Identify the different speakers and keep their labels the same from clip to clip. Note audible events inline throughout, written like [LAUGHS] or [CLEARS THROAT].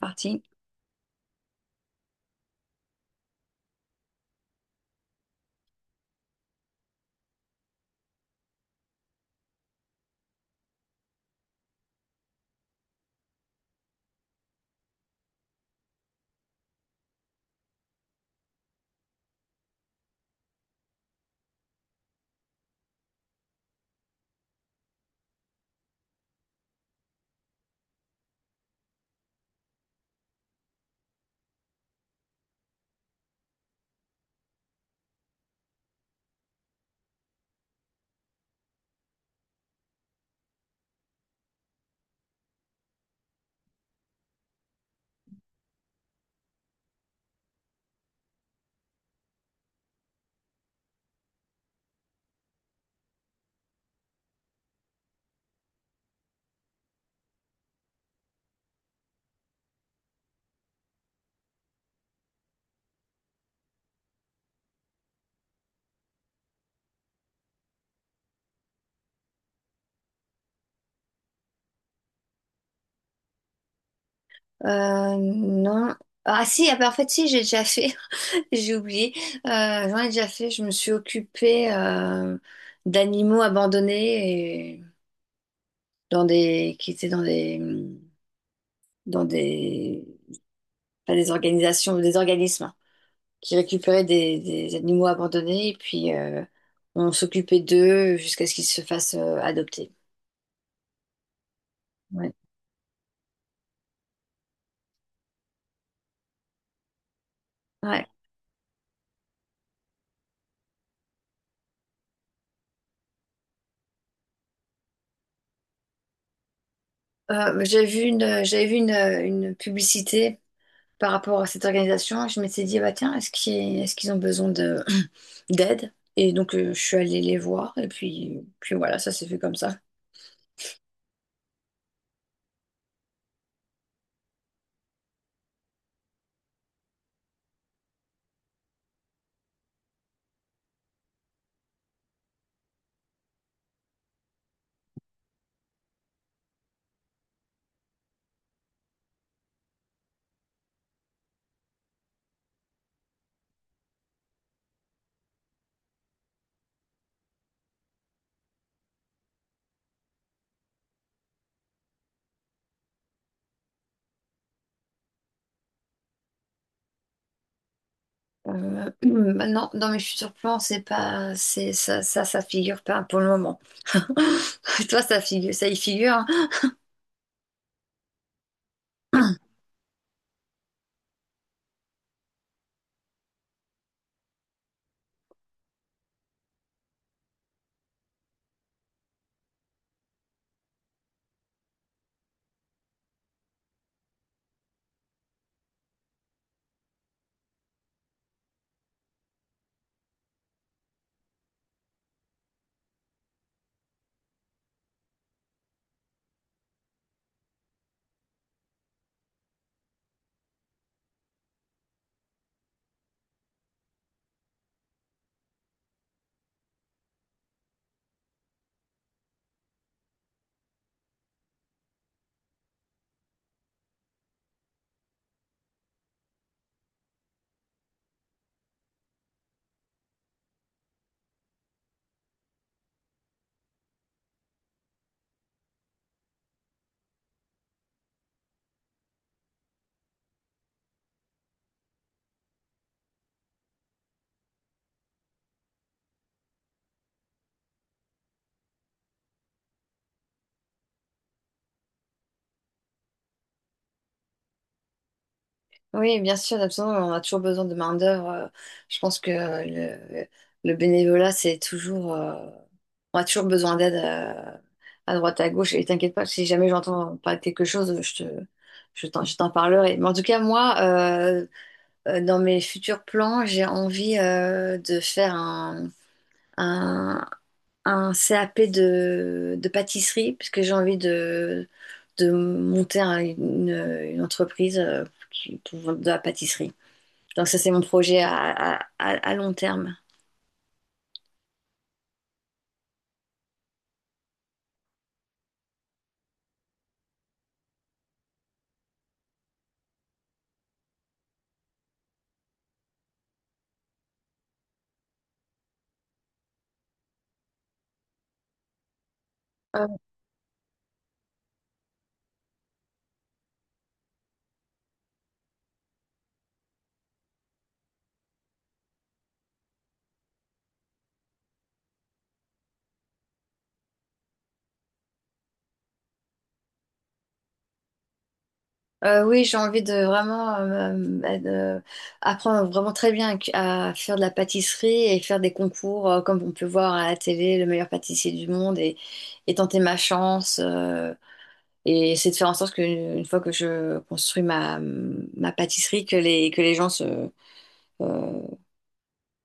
Speaker 1: Partie. Non. Ah si, ah bah, en fait si, j'ai déjà fait. [LAUGHS] J'ai oublié. J'en ai déjà fait. Je me suis occupée d'animaux abandonnés et dans des dans des pas des organisations, des organismes hein. Qui récupéraient des animaux abandonnés et puis on s'occupait d'eux jusqu'à ce qu'ils se fassent adopter. Ouais. Ouais. J'avais vu une publicité par rapport à cette organisation. Je m'étais dit, bah tiens, est-ce qu'ils ont besoin de [CLEARS THROAT] d'aide? Et donc, je suis allée les voir, et puis, voilà, ça s'est fait comme ça. [CLEARS THROAT] Maintenant, dans mes futurs plans, c'est pas, c'est ça, ça, ça figure pas pour le moment. [LAUGHS] Toi, ça y figure. Hein. Oui, bien sûr, absolument. On a toujours besoin de main-d'œuvre. Je pense que le bénévolat, c'est toujours. On a toujours besoin d'aide à droite, à gauche. Et t'inquiète pas, si jamais j'entends parler de quelque chose, je t'en parlerai. Mais en tout cas, moi, dans mes futurs plans, j'ai envie de faire un, un CAP de pâtisserie, puisque j'ai envie de monter une entreprise pour de la pâtisserie. Donc ça, c'est mon projet à long terme. Euh, oui, j'ai envie de vraiment bah, de- apprendre vraiment très bien à faire de la pâtisserie et faire des concours comme on peut voir à la télé, le meilleur pâtissier du monde et tenter ma chance. Et c'est de faire en sorte qu'une fois que je construis ma pâtisserie, que que les gens euh,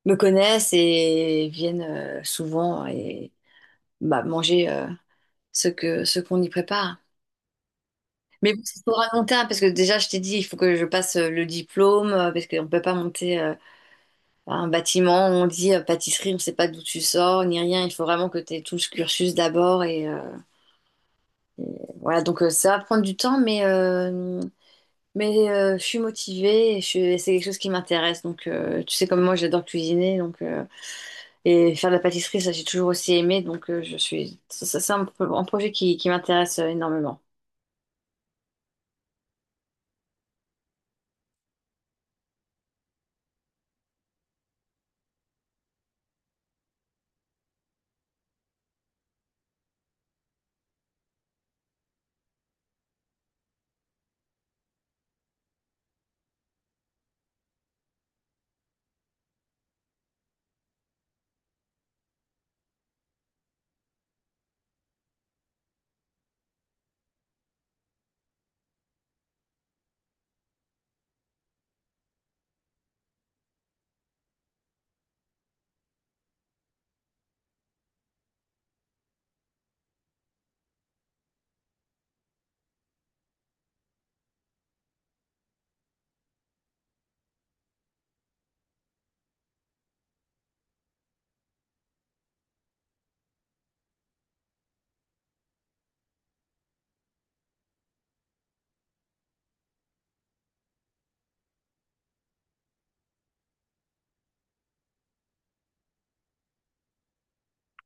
Speaker 1: me connaissent et viennent souvent bah, manger ce qu'on y prépare. Mais bon, c'est pour un long terme, parce que déjà, je t'ai dit, il faut que je passe le diplôme, parce qu'on ne peut pas monter un bâtiment. On dit pâtisserie, on ne sait pas d'où tu sors, ni rien. Il faut vraiment que tu aies tout ce cursus d'abord. Et voilà, donc ça va prendre du temps, mais je suis motivée, et c'est quelque chose qui m'intéresse. Donc, tu sais, comme moi, j'adore cuisiner, donc, et faire de la pâtisserie, ça, j'ai toujours aussi aimé. Donc, je suis, ça, c'est un projet qui m'intéresse énormément.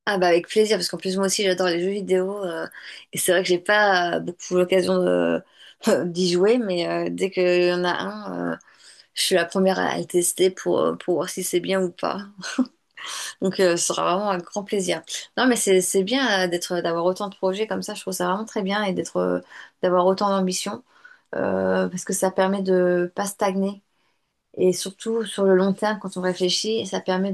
Speaker 1: Ah bah avec plaisir, parce qu'en plus moi aussi j'adore les jeux vidéo, et c'est vrai que j'ai pas beaucoup [LAUGHS] d'y jouer, mais dès qu'il y en a un, je suis la première à le tester pour voir si c'est bien ou pas. Donc ce sera vraiment un grand plaisir. Non mais c'est bien d'avoir autant de projets comme ça, je trouve ça vraiment très bien et d'être d'avoir autant d'ambition, parce que ça permet de pas stagner et surtout sur le long terme quand on réfléchit, ça permet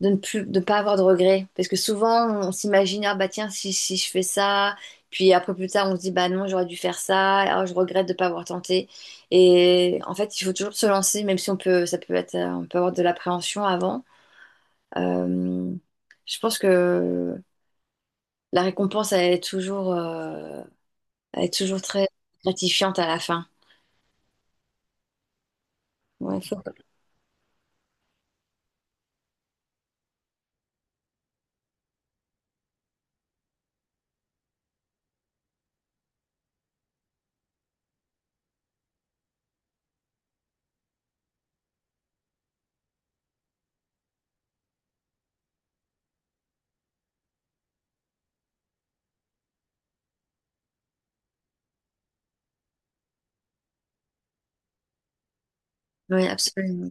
Speaker 1: de pas avoir de regrets. Parce que souvent, on s'imagine, ah bah tiens, si je fais ça, puis après plus tard, on se dit, bah non, j'aurais dû faire ça, ah, je regrette de ne pas avoir tenté. Et en fait, il faut toujours se lancer, même si on peut, ça peut être, on peut avoir de l'appréhension avant. Euh, je pense que la récompense, elle est toujours très gratifiante à la fin. Ouais, ouais, absolument.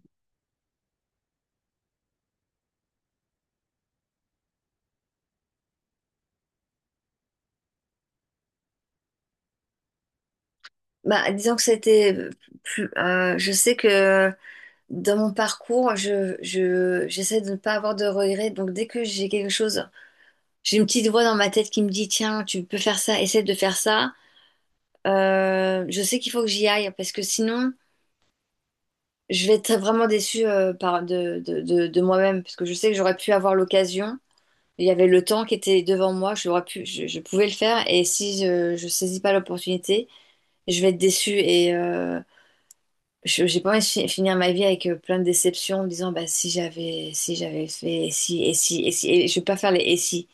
Speaker 1: Bah, disons que c'était je sais que dans mon parcours, j'essaie de ne pas avoir de regrets. Donc, dès que j'ai quelque chose, j'ai une petite voix dans ma tête qui me dit, tiens, tu peux faire ça, essaie de faire ça. Je sais qu'il faut que j'y aille parce que sinon, je vais être vraiment déçue par de moi-même parce que je sais que j'aurais pu avoir l'occasion. Il y avait le temps qui était devant moi, j'aurais pu, je pouvais le faire. Et si je saisis pas l'opportunité, je vais être déçue. Je j'ai pas envie de finir ma vie avec plein de déceptions en me disant bah si j'avais fait et si et si et si et je vais pas faire les et si.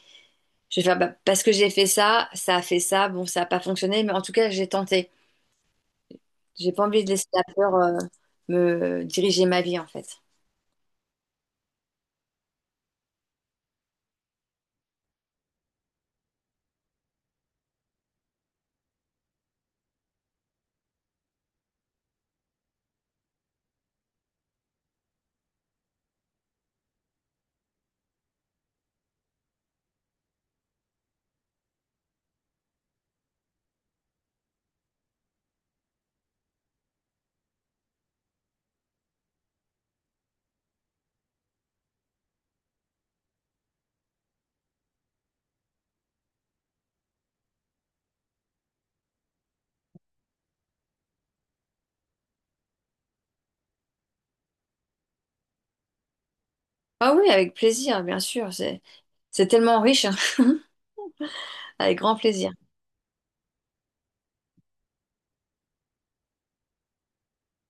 Speaker 1: Je vais faire bah, parce que j'ai fait ça, ça a fait ça, bon ça a pas fonctionné mais en tout cas j'ai tenté. J'ai pas envie de laisser la peur me diriger ma vie en fait. Ah oui, avec plaisir bien sûr, c'est tellement riche, hein. [LAUGHS] Avec grand plaisir.